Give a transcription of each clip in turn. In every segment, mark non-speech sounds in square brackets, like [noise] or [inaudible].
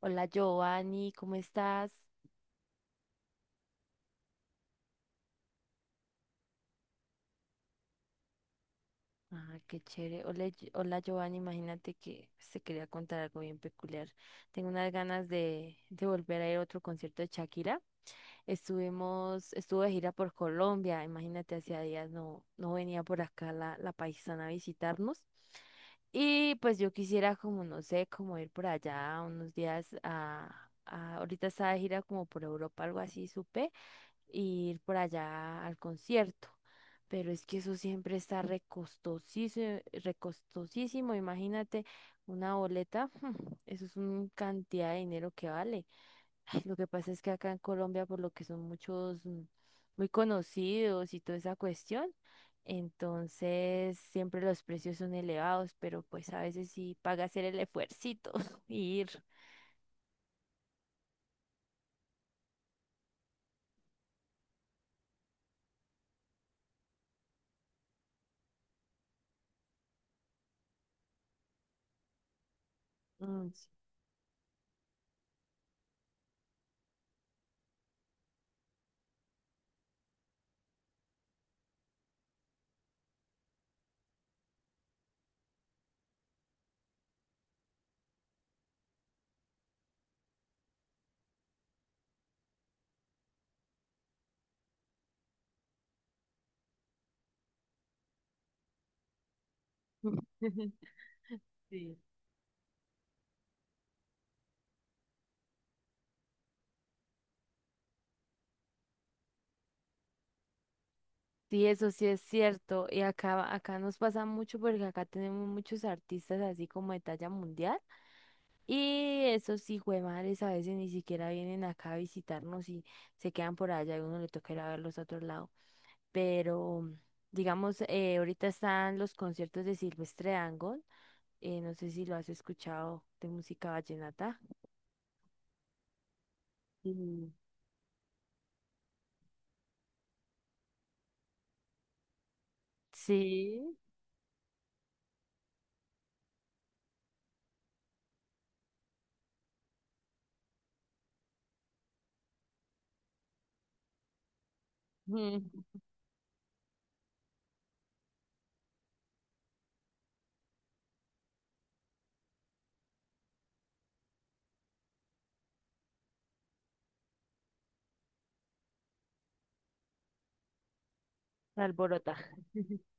Hola, Giovanni, ¿cómo estás? Ah, qué chévere. Hola, hola, Giovanni, imagínate que se quería contar algo bien peculiar. Tengo unas ganas de volver a ir a otro concierto de Shakira. Estuve de gira por Colombia, imagínate, hacía días no venía por acá la paisana a visitarnos. Y pues yo quisiera como, no sé, como ir por allá unos días ahorita está de gira como por Europa, algo así, supe. Ir por allá al concierto. Pero es que eso siempre está recostosísimo, recostosísimo. Imagínate una boleta, [laughs] eso es una cantidad de dinero que vale. [laughs] Ay, lo que pasa es que acá en Colombia, por lo que son muchos muy conocidos y toda esa cuestión, entonces siempre los precios son elevados, pero pues a veces sí paga hacer el esfuercito [laughs] y ir. Mm, sí. Sí, eso sí es cierto. Y acá nos pasa mucho porque acá tenemos muchos artistas así como de talla mundial. Y esos hijuemadres a veces ni siquiera vienen acá a visitarnos y se quedan por allá y uno le toca ir a verlos a otro lado. Pero, digamos, ahorita están los conciertos de Silvestre Dangond. No sé si lo has escuchado de música vallenata. Mm. Sí. Mm. Alborota. [laughs]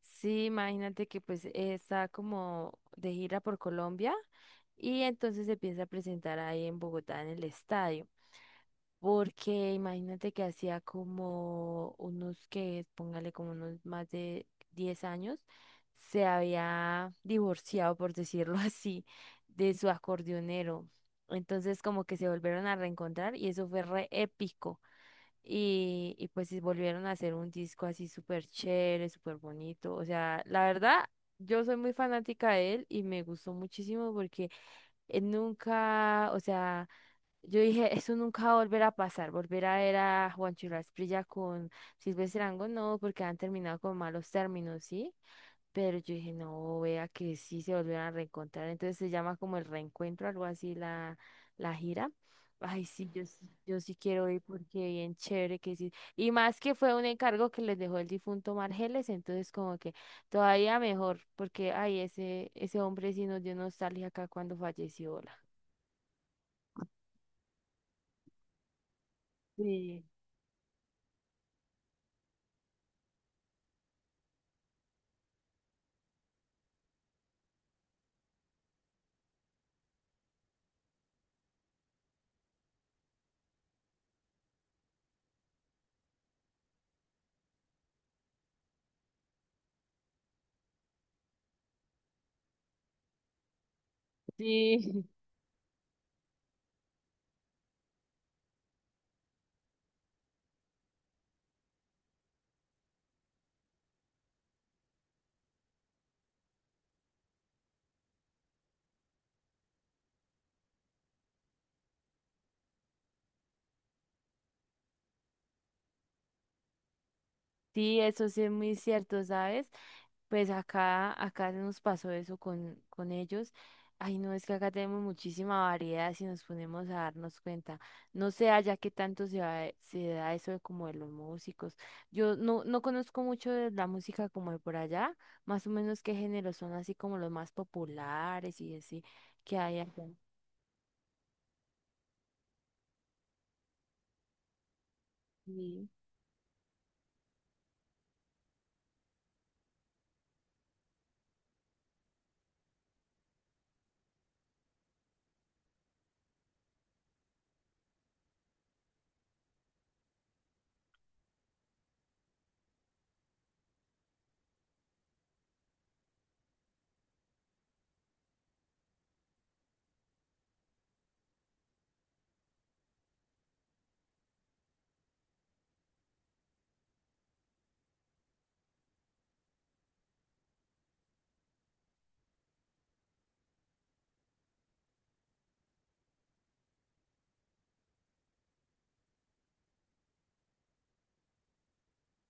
Sí, imagínate que pues está como de gira por Colombia y entonces se piensa presentar ahí en Bogotá en el estadio, porque imagínate que hacía como unos que, póngale como unos más de 10 años, se había divorciado, por decirlo [laughs] así, de su acordeonero. Entonces como que se volvieron a reencontrar y eso fue re épico. Y pues sí volvieron a hacer un disco así súper chévere, súper bonito. O sea, la verdad, yo soy muy fanática de él y me gustó muchísimo porque él nunca, o sea, yo dije, [laughs] eso nunca va a volver a pasar, volver a ver a Juan Churras Prilla con Silvestre Angón, no, porque han terminado con malos términos, ¿sí? Pero yo dije, no, vea que sí se volvieron a reencontrar. Entonces se llama como el reencuentro, algo así, la gira. Ay, sí, yo sí quiero ir porque bien chévere que sí. Y más que fue un encargo que les dejó el difunto Margeles, entonces como que todavía mejor, porque ay, ese hombre sí nos dio nostalgia acá cuando falleció. Hola. Sí, sí. [laughs] Sí, eso sí es muy cierto, ¿sabes? Pues acá nos pasó eso con ellos. Ay, no, es que acá tenemos muchísima variedad si nos ponemos a darnos cuenta. No sé allá qué tanto se da eso de como de los músicos. Yo no conozco mucho de la música como de por allá, más o menos qué géneros son así como los más populares y así que hay acá. Sí,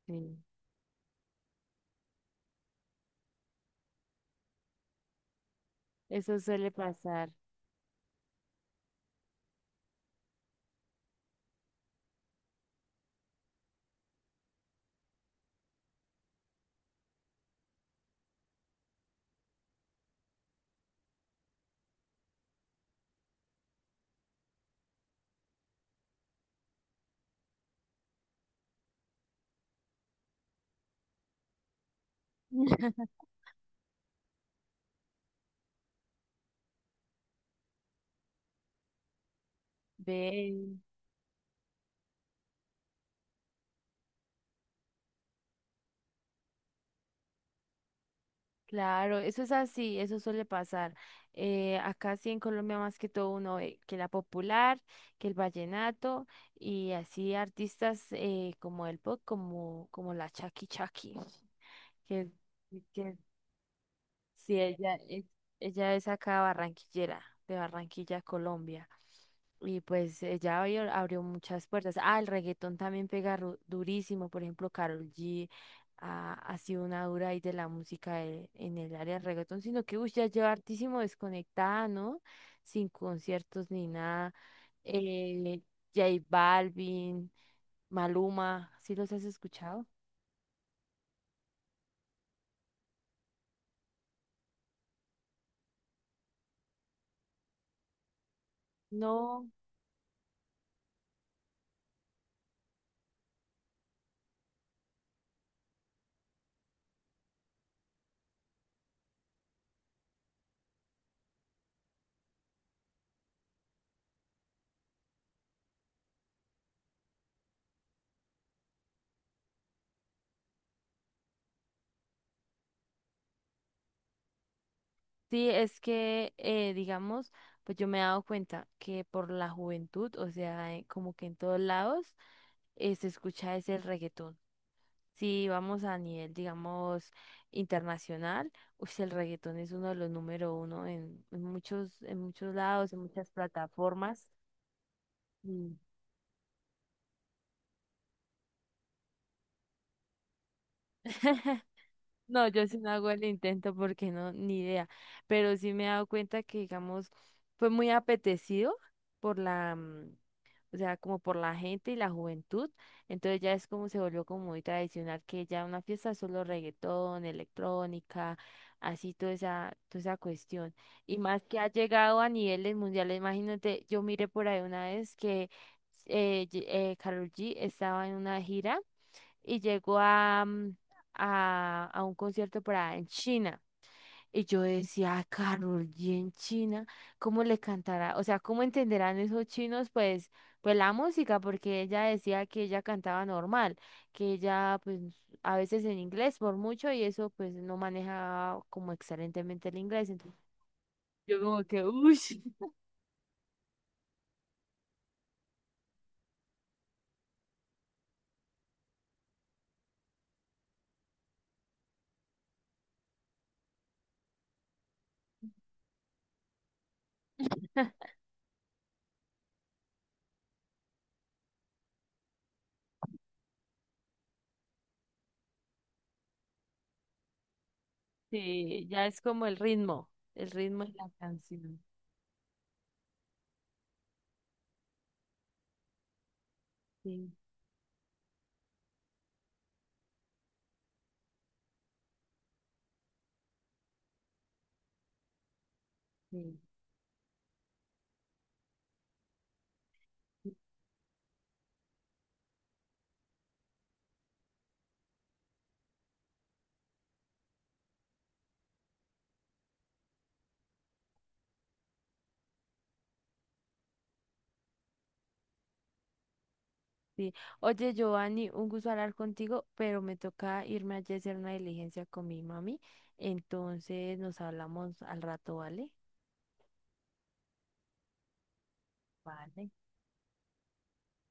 sí. Eso suele pasar. [laughs] Ve. Claro, eso es así, eso suele pasar. Acá sí en Colombia más que todo uno ve que la popular, que el vallenato y así artistas como el pop, como la Chaki Chaki, que, que sí, ella es acá barranquillera, de Barranquilla, Colombia. Y pues ella abrió muchas puertas. Ah, el reggaetón también pega durísimo. Por ejemplo, Karol G ha sido una dura ahí de la música en el área del reggaetón, sino que uy, ya lleva hartísimo desconectada, ¿no? Sin conciertos ni nada. Eh, J Balvin, Maluma, ¿sí los has escuchado? No. Sí, es que, digamos, pues yo me he dado cuenta que por la juventud, o sea, como que en todos lados se escucha ese reggaetón. Si vamos a nivel, digamos, internacional, uy, el reggaetón es uno de los número uno en muchos lados, en muchas plataformas. Mm. [laughs] No, yo sí no hago el intento porque no, ni idea. Pero sí me he dado cuenta que, digamos, fue muy apetecido por o sea, como por la gente y la juventud. Entonces ya es como se volvió como muy tradicional que ya una fiesta es solo reggaetón, electrónica, así toda esa cuestión. Y más que ha llegado a niveles mundiales, imagínate, yo miré por ahí una vez que eh, Ye- Karol G estaba en una gira y llegó a un concierto para en China. Y yo decía: "Ah, Carol G en China, ¿cómo le cantará? O sea, ¿cómo entenderán esos chinos? Pues, pues la música", porque ella decía que ella cantaba normal, que ella, pues, a veces en inglés por mucho, y eso, pues, no maneja como excelentemente el inglés. Entonces, yo como que, uy, [laughs] sí, ya es como el ritmo de la canción. Sí, sí. Sí. Sí. Oye, Giovanni, un gusto hablar contigo, pero me toca irme allí a hacer una diligencia con mi mami. Entonces nos hablamos al rato, ¿vale? Vale.